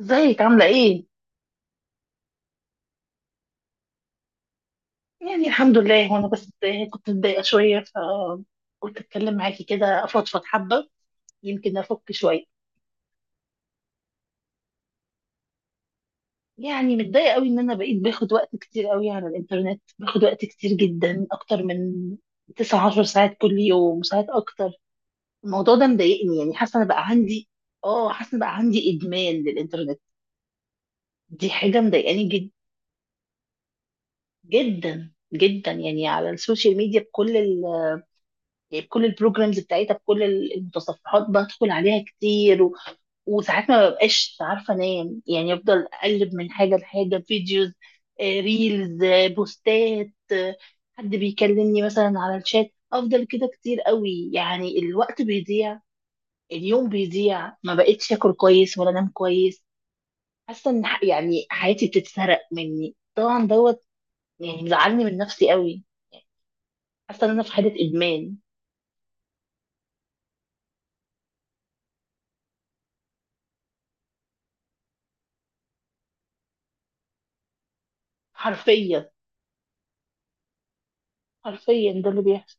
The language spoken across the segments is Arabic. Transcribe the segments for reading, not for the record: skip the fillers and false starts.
ازيك عاملة ايه؟ يعني الحمد لله. وانا بس كنت متضايقة شوية، فقلت اتكلم معاكي كده افضفض حبة، يمكن افك شوية. يعني متضايقة قوي، ان انا بقيت باخد وقت كتير قوي على الانترنت، باخد وقت كتير جدا اكتر من 9 10 ساعات كل يوم، وساعات اكتر. الموضوع ده مضايقني، يعني حاسة انا بقى عندي اه حاسة بقى عندي ادمان للانترنت. دي حاجة مضايقاني جد، جدا جدا. يعني على السوشيال ميديا بكل، يعني بكل البروجرامز بتاعتها، بكل المتصفحات، بدخل عليها كتير وساعات ما ببقاش عارفه انام، يعني افضل اقلب من حاجه لحاجه، فيديوز ريلز بوستات حد بيكلمني مثلا على الشات، افضل كده كتير قوي، يعني الوقت بيضيع. اليوم بيضيع، ما بقتش اكل كويس ولا انام كويس. حاسه ان يعني حياتي بتتسرق مني طبعا دوت، يعني مزعلني من نفسي قوي. حاسه ان انا في حاله ادمان. حرفيا. حرفيا ده اللي بيحصل.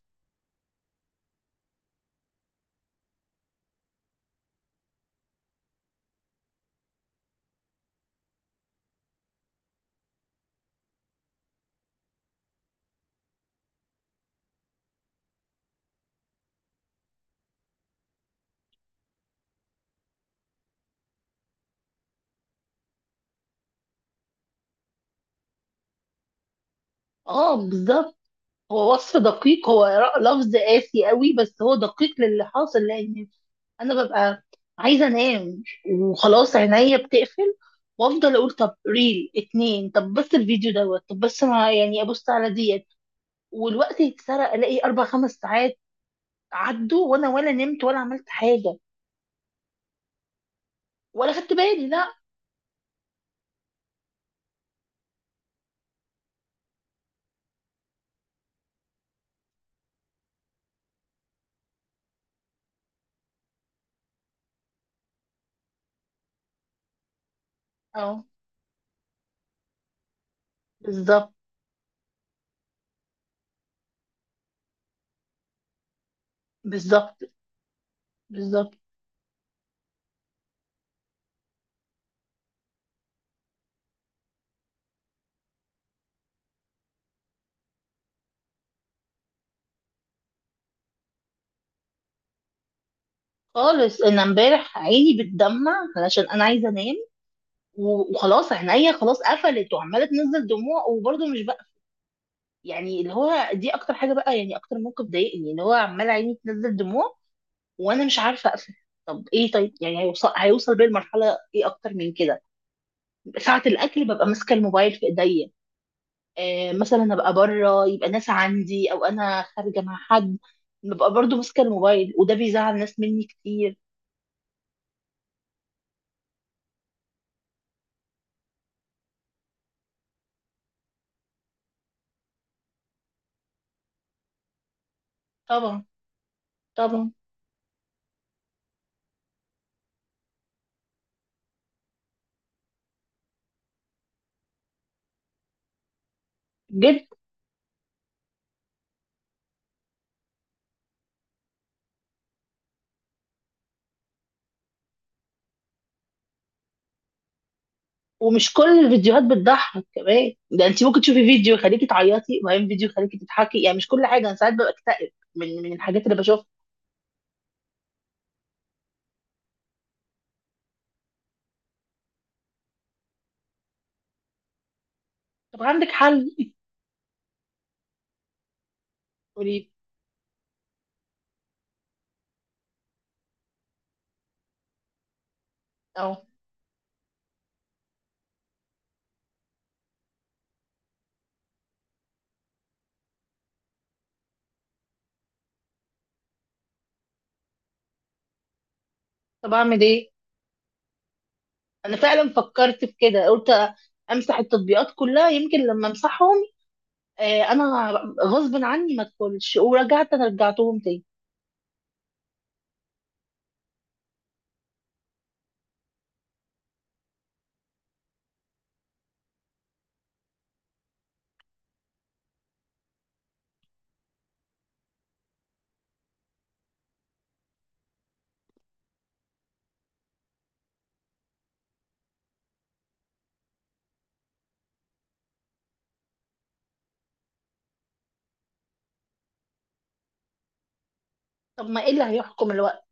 اه، بالظبط. هو وصف دقيق، هو لفظ قاسي قوي، بس هو دقيق للي حاصل. لان انا ببقى عايزه انام، وخلاص عينيا بتقفل، وافضل اقول طب ريل اتنين، طب بس الفيديو دوت، طب بس ما يعني ابص على ديت، والوقت يتسرق، الاقي 4 5 ساعات عدوا وانا ولا نمت ولا عملت حاجه. ولا خدت بالي، لا. اه، بالظبط، بالظبط، بالظبط. خالص انا امبارح عيني بتدمع علشان انا عايزه انام، وخلاص عينيا خلاص قفلت وعماله تنزل دموع، وبرضه مش بقى يعني. اللي هو دي اكتر حاجه بقى، يعني اكتر موقف ضايقني، اللي هو عماله عيني تنزل دموع وانا مش عارفه اقفل. طب ايه؟ طيب يعني هيوصل بيا المرحله ايه اكتر من كده؟ ساعه الاكل ببقى ماسكه الموبايل في ايديا، مثلا ابقى بره، يبقى ناس عندي او انا خارجه مع حد، ببقى برضه ماسكه الموبايل، وده بيزعل ناس مني كتير. طبعا، طبعا. جدا. ومش كل الفيديوهات بتضحك كمان، ده انت ممكن تشوفي فيديو يخليكي تعيطي وبعدين فيديو يخليكي تضحكي، يعني مش كل حاجه، انا ساعات ببقى اكتئب من الحاجات اللي بشوفها. طب عندك حل؟ قولي لي. اه. طب اعمل ايه؟ انا فعلا فكرت في كده، قلت امسح التطبيقات كلها يمكن لما امسحهم، انا غصب عني ما ادخلش، ورجعت انا رجعتهم تاني. طب ما ايه اللي هيحكم الوقت؟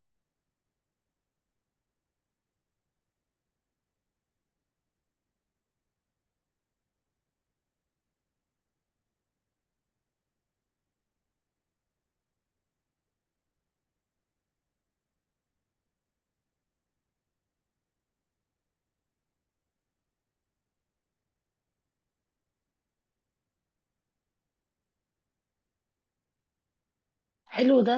حلو ده.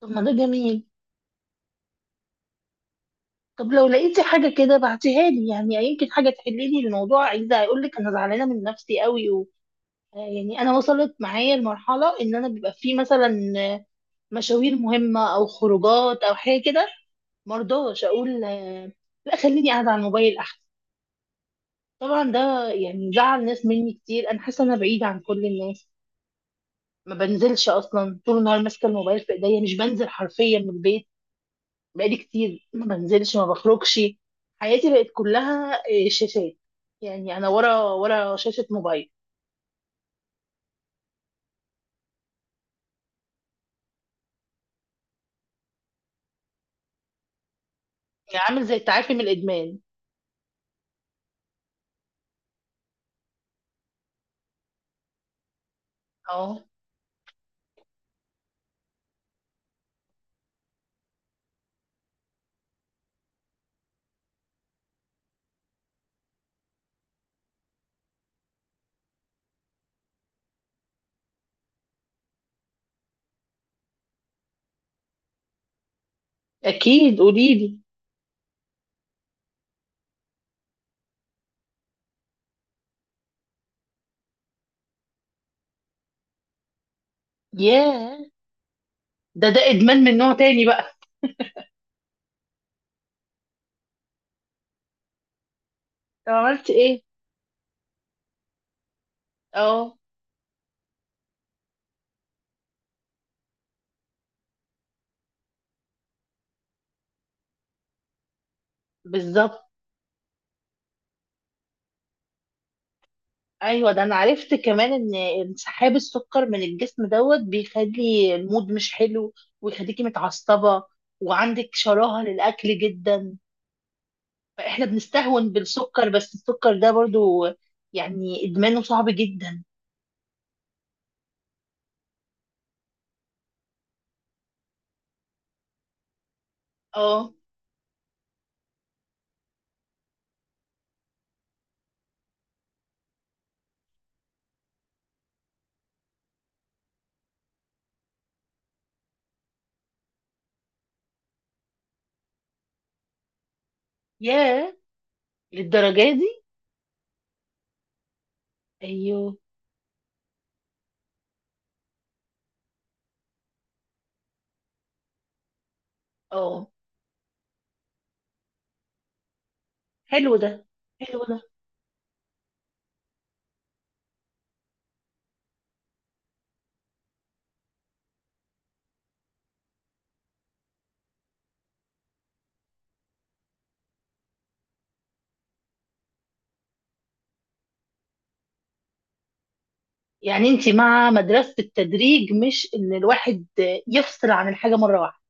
طب ما ده جميل. طب لو لقيتي حاجه كده بعتيها لي، يعني يمكن حاجه تحللي الموضوع، عايزه هيقول لك انا زعلانه من نفسي قوي. يعني انا وصلت معايا لمرحله ان انا بيبقى في مثلا مشاوير مهمه او خروجات او حاجه كده، مرضاش اقول لا، خليني قاعده على الموبايل احسن. طبعا ده يعني زعل ناس مني كتير. انا حاسه ان انا بعيده عن كل الناس، ما بنزلش اصلا، طول النهار ماسكه الموبايل في ايديا، مش بنزل حرفيا من البيت. بقالي كتير ما بنزلش ما بخرجش. حياتي بقت كلها شاشات، يعني انا ورا ورا شاشه موبايل. يعني عامل زي التعافي من الادمان؟ اه، اكيد قولي لي. ياه. ده ادمان من نوع تاني بقى. طب عملت ايه؟ اه، بالظبط. ايوه، ده انا عرفت كمان ان انسحاب السكر من الجسم دوت بيخلي المود مش حلو، ويخليكي متعصبه، وعندك شراهه للاكل جدا. فاحنا بنستهون بالسكر، بس السكر ده برضو، يعني ادمانه صعب جدا. اه. ياه، للدرجه دي. ايوه. اه، حلو ده، حلو ده. يعني انت مع مدرسة التدريج، مش ان الواحد يفصل عن الحاجة مرة واحدة.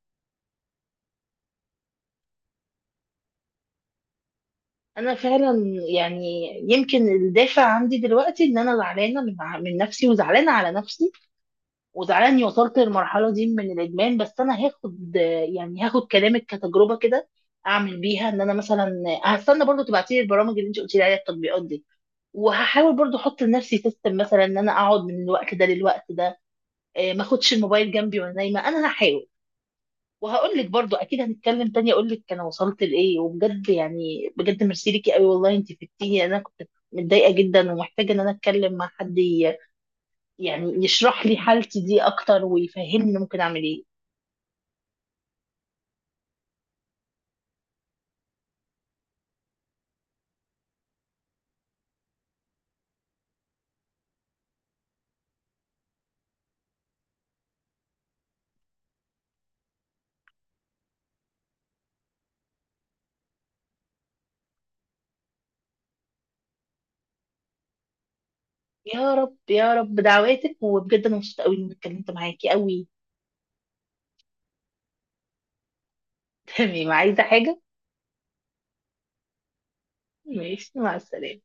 انا فعلا، يعني يمكن الدافع عندي دلوقتي ان انا زعلانة من نفسي، وزعلانة على نفسي، وزعلانة اني وصلت للمرحلة دي من الادمان، بس انا هاخد، يعني هاخد كلامك كتجربة كده، اعمل بيها، ان انا مثلا هستنى برضو تبعتي لي البرامج اللي انت قلتي لي عليها، التطبيقات دي، وهحاول برضو احط لنفسي سيستم مثلا ان انا اقعد من الوقت ده للوقت ده، ما اخدش الموبايل جنبي وانا نايمه، انا هحاول. وهقول لك برضو، اكيد هنتكلم تاني اقول لك انا وصلت لايه. وبجد يعني، بجد ميرسي ليكي قوي، والله انت فدتيني. انا كنت متضايقه جدا ومحتاجه ان انا اتكلم مع حد يعني يشرح لي حالتي دي اكتر ويفهمني ممكن اعمل ايه. يا رب، يا رب، دعواتك. وبجد انا مبسوطه قوي اني اتكلمت معاكي قوي. تمام، عايزه حاجه؟ ماشي، مع السلامه.